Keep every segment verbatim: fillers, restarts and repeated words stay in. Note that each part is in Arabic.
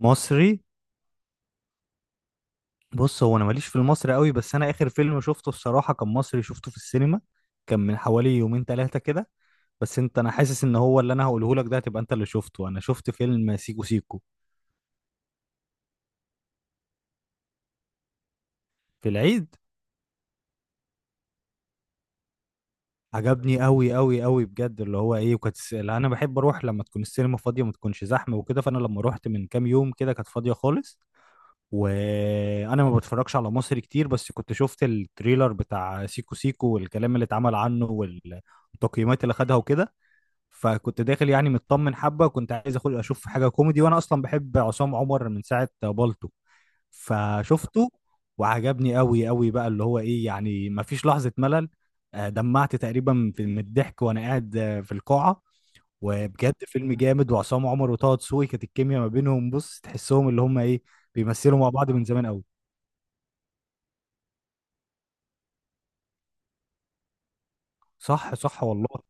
مصري. بص، هو انا ماليش في المصري قوي، بس انا اخر فيلم شفته الصراحه كان مصري، شفته في السينما. كان من حوالي يومين ثلاثه كده. بس انت، انا حاسس ان هو اللي انا هقوله لك ده هتبقى انت اللي شفته. انا شفت فيلم سيكو سيكو في العيد. عجبني قوي قوي قوي بجد، اللي هو ايه، وكانت الس- اللي انا بحب اروح لما تكون السينما فاضيه ما تكونش زحمه وكده، فانا لما رحت من كام يوم كده كانت فاضيه خالص. وانا ما بتفرجش على مصري كتير، بس كنت شفت التريلر بتاع سيكو سيكو والكلام اللي اتعمل عنه وال... التقييمات اللي خدها وكده. فكنت داخل يعني مطمن حبه، وكنت عايز اخد اشوف حاجه كوميدي، وانا اصلا بحب عصام عمر من ساعه بالطو. فشفته وعجبني قوي قوي بقى، اللي هو ايه يعني ما فيش لحظه ملل. آه، دمعت تقريبا في- من الضحك وانا قاعد آه، في القاعه. وبجد فيلم جامد، وعصام عمر وطه دسوقي كانت الكيمياء ما بينهم، بص تحسهم اللي هم ايه، بيمثلوا مع بعض من زمان قوي. صح صح والله.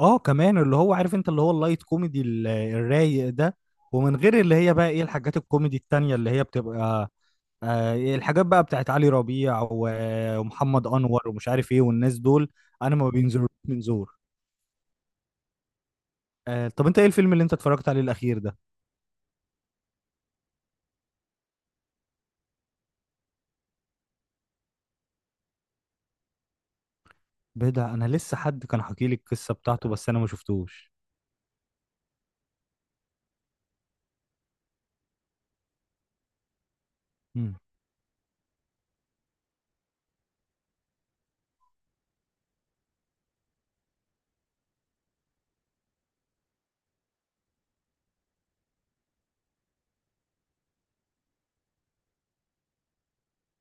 اه كمان اللي هو عارف انت، اللي هو اللايت كوميدي ال- الرايق ده، ومن غير اللي هي بقى ايه الحاجات الكوميدي التانية اللي هي بتبقى آه إيه الحاجات بقى بتاعت علي ربيع و- ومحمد انور ومش عارف ايه والناس دول. انا ما بينزلوش من زور. آه طب انت ايه الفيلم اللي انت اتفرجت عليه الاخير ده؟ بدا، انا لسه حد كان حكي لي القصة بتاعته بس انا ما شفتوش. مم،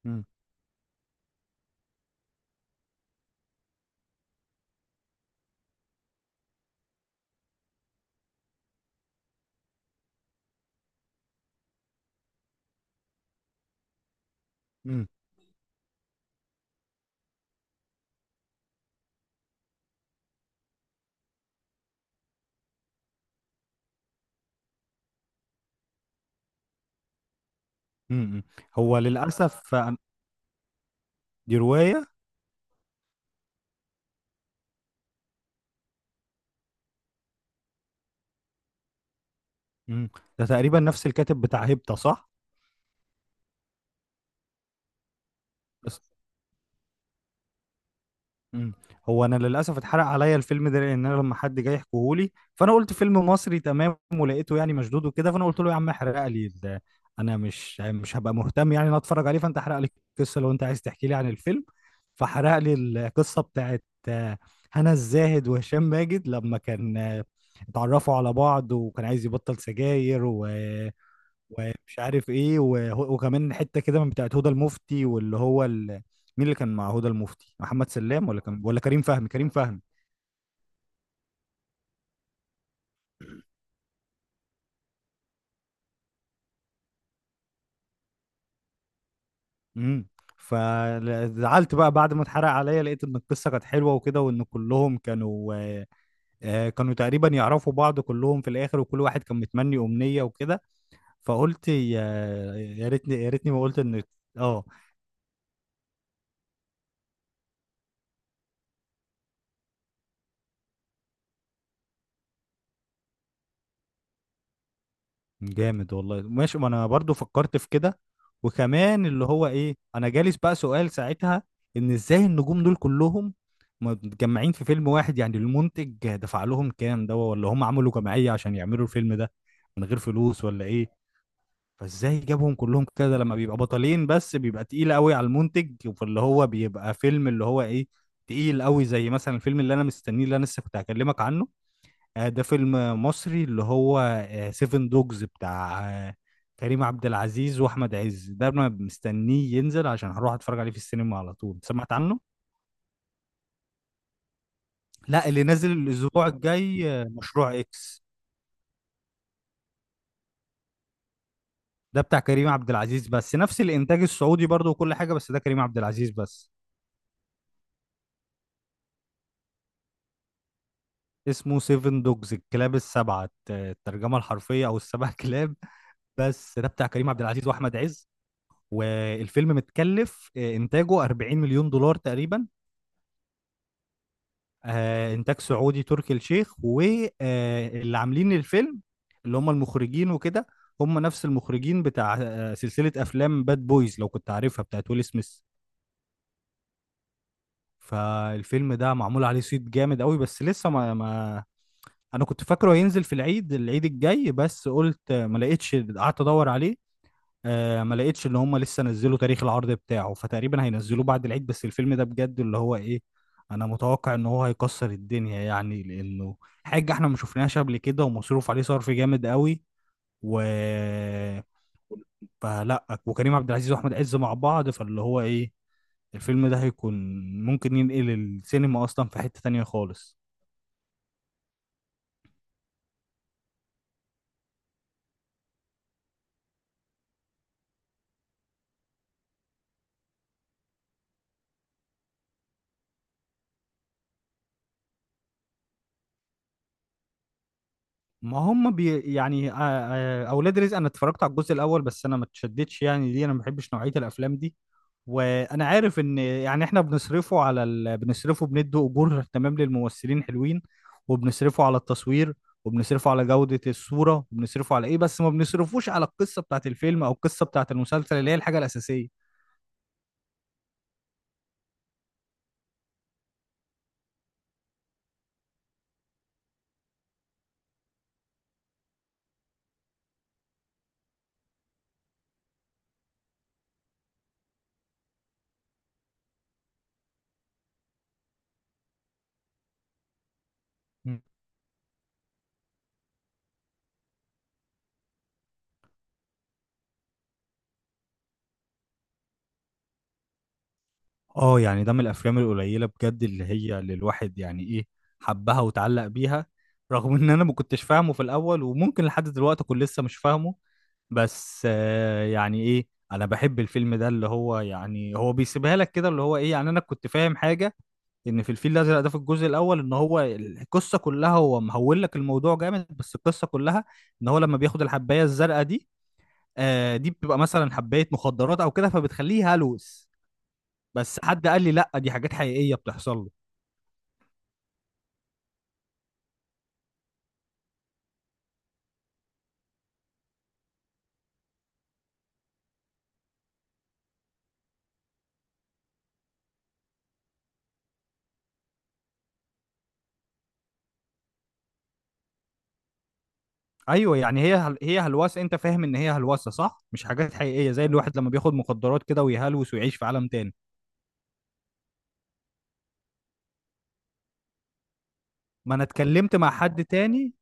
مم، مم، مم، مم. هو للاسف آه، دي رواية. مم. ده تقريبا نفس الكاتب بتاع هيبتا صح؟ مم. هو انا للاسف اتحرق عليا الفيلم ده، لان انا لما حد جاي يحكيهولي فانا قلت فيلم مصري تمام، ولقيته يعني مشدود وكده، فانا قلت له يا عم احرق لي ده. انا مش مش هبقى مهتم يعني إن انا اتفرج عليه، فانت احرق لي القصه، لو انت عايز تحكي لي عن الفيلم فحرق لي القصه بتاعت آه، هنا الزاهد وهشام ماجد لما كان آه، اتعرفوا على بعض، وكان عايز يبطل سجاير و... ومش عارف ايه، وهو- وكمان حته كده من بتاعت هدى المفتي واللي هو ال... مين اللي كان مع هدى المفتي، محمد سلام ولا كان ولا كريم فهمي؟ كريم فهمي. امم. فزعلت بقى بعد ما اتحرق عليا، لقيت ان القصه كانت حلوه وكده، وان كلهم كانوا آه، كانوا تقريبا يعرفوا بعض كلهم في الاخر، وكل واحد كان متمني امنيه وكده. فقلت يا، يا ريتني يا ريتني ما قلت ان اه. جامد والله. ماشي، ما انا برضو فكرت في كده. وكمان اللي هو ايه، انا جالس بقى سؤال ساعتها ان ازاي النجوم دول كلهم متجمعين في فيلم واحد. يعني المنتج دفع لهم كام ده، ولا هم عملوا جمعية عشان يعملوا الفيلم ده من غير فلوس ولا ايه؟ فازاي جابهم كلهم كده؟ لما بيبقى بطلين بس بيبقى تقيل قوي على المنتج، فاللي هو بيبقى فيلم اللي هو ايه، تقيل قوي، زي مثلا الفيلم اللي انا مستنيه اللي انا لسه كنت هكلمك عنه. آه، ده فيلم مصري اللي هو سيفن دوجز، بتاع آه، كريم عبد العزيز واحمد عز. ده انا مستنيه ينزل عشان هروح اتفرج عليه في السينما على طول، سمعت عنه. لا، اللي نازل الاسبوع الجاي آه، مشروع اكس. ده بتاع كريم عبد العزيز بس، نفس الانتاج السعودي برضه وكل حاجه، بس ده كريم عبد العزيز بس. اسمه سيفن دوجز، الكلاب السبعه آه، الترجمه الحرفيه، او السبع كلاب. بس ده بتاع كريم عبد العزيز واحمد عز. والفيلم متكلف آه، انتاجه أربعين مليون دولار تقريبا. آه، انتاج سعودي، تركي الشيخ واللي عاملين الفيلم اللي هم المخرجين وكده، هم نفس المخرجين بتاع آه، سلسلة افلام باد بويز، لو كنت عارفها، بتاعت ويل سميث. فالفيلم ده معمول عليه صيت جامد قوي، بس لسه ما, ما انا كنت فاكره هينزل في العيد، العيد الجاي، بس قلت آه، ما لقيتش، قعدت ادور عليه. آه ما لقيتش ان هم لسه نزلوا تاريخ العرض بتاعه، فتقريبا هينزلوه بعد العيد. بس الفيلم ده بجد اللي هو ايه، انا متوقع ان هو هيكسر الدنيا، يعني لانه حاجة احنا ما شفناهاش قبل كده، ومصروف عليه صرف جامد قوي. و، فلا، وكريم عبد العزيز واحمد عز مع بعض، فاللي هو ايه، الفيلم ده هيكون ممكن ينقل السينما اصلا في حتة تانية خالص. ما هم بي يعني آه، آه، اولاد رزق، انا اتفرجت على الجزء الاول بس انا ما اتشدتش، يعني ليه، انا ما بحبش نوعيه الافلام دي. وانا عارف ان يعني احنا بنصرفه على ال... بنصرفه بندوا اجور تمام للممثلين حلوين، وبنصرفه على التصوير، وبنصرفه على جودة الصورة، وبنصرفه على ايه، بس ما بنصرفوش على القصة بتاعت الفيلم او القصة بتاعت المسلسل اللي هي الحاجة الأساسية. اه يعني ده من الافلام القليله بجد اللي هي اللي الواحد يعني ايه، حبها وتعلق بيها، رغم ان انا ما كنتش فاهمه في الاول وممكن لحد دلوقتي اكون لسه مش فاهمه. بس آه يعني ايه، انا بحب الفيلم ده اللي هو، يعني هو بيسيبها لك كده اللي هو ايه. يعني انا كنت فاهم حاجه، ان في الفيل الازرق ده في الجزء الاول، ان هو القصه كلها هو مهول لك الموضوع جامد، بس القصه كلها ان هو لما بياخد الحبايه الزرقاء دي آه دي بتبقى مثلا حبايه مخدرات او كده، فبتخليه هلوس. بس حد قال لي لا، دي حاجات حقيقية بتحصل له. ايوه يعني هي هل... هي هلوسة، انت فاهم ان هي هلوسة صح، مش حاجات حقيقية زي الواحد لما بياخد مخدرات كده ويهلوس ويعيش في عالم تاني. ما انا اتكلمت مع حد تاني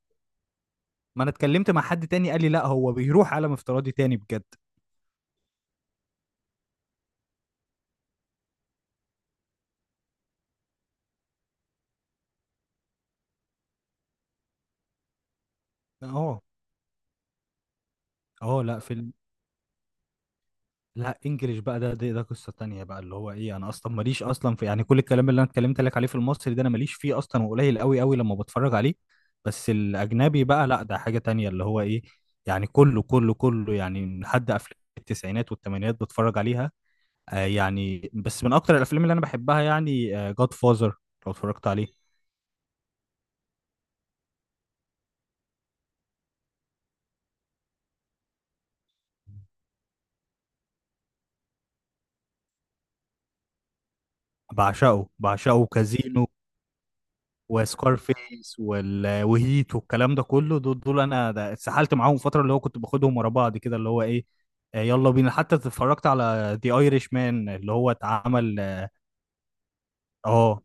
ما انا اتكلمت مع حد تاني قال لي لا، هو بيروح عالم افتراضي تاني بجد. اه. اه لا في، لا انجليش بقى ده، ده, ده قصة تانية بقى اللي هو ايه. انا اصلا ماليش اصلا في، يعني كل الكلام اللي انا اتكلمت لك عليه في المصري ده انا ماليش فيه اصلا، وقليل قوي قوي لما بتفرج عليه. بس الاجنبي بقى لا، ده حاجة تانية اللي هو ايه، يعني كله كله كله يعني لحد افلام التسعينات والثمانينات بتفرج عليها. آه يعني بس من اكتر الافلام اللي انا بحبها يعني جاد فازر، لو اتفرجت عليه. بعشقه، بعشقه كازينو وسكارفيس وال... وهيت والكلام ده كله، دول دول انا ده اتسحلت معاهم فتره اللي هو كنت باخدهم ورا بعض كده اللي هو ايه. آه، يلا بينا، حتى اتفرجت على ذا ايرش مان اللي هو اتعمل اه آه،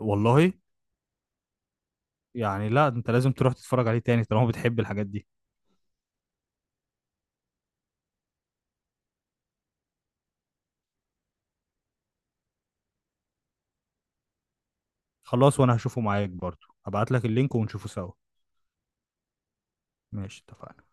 والله. يعني لا انت لازم تروح تتفرج عليه تاني طالما بتحب الحاجات دي. خلاص، وانا هشوفه معاك برضو، هبعت لك اللينك ونشوفه سوا. ماشي، اتفقنا.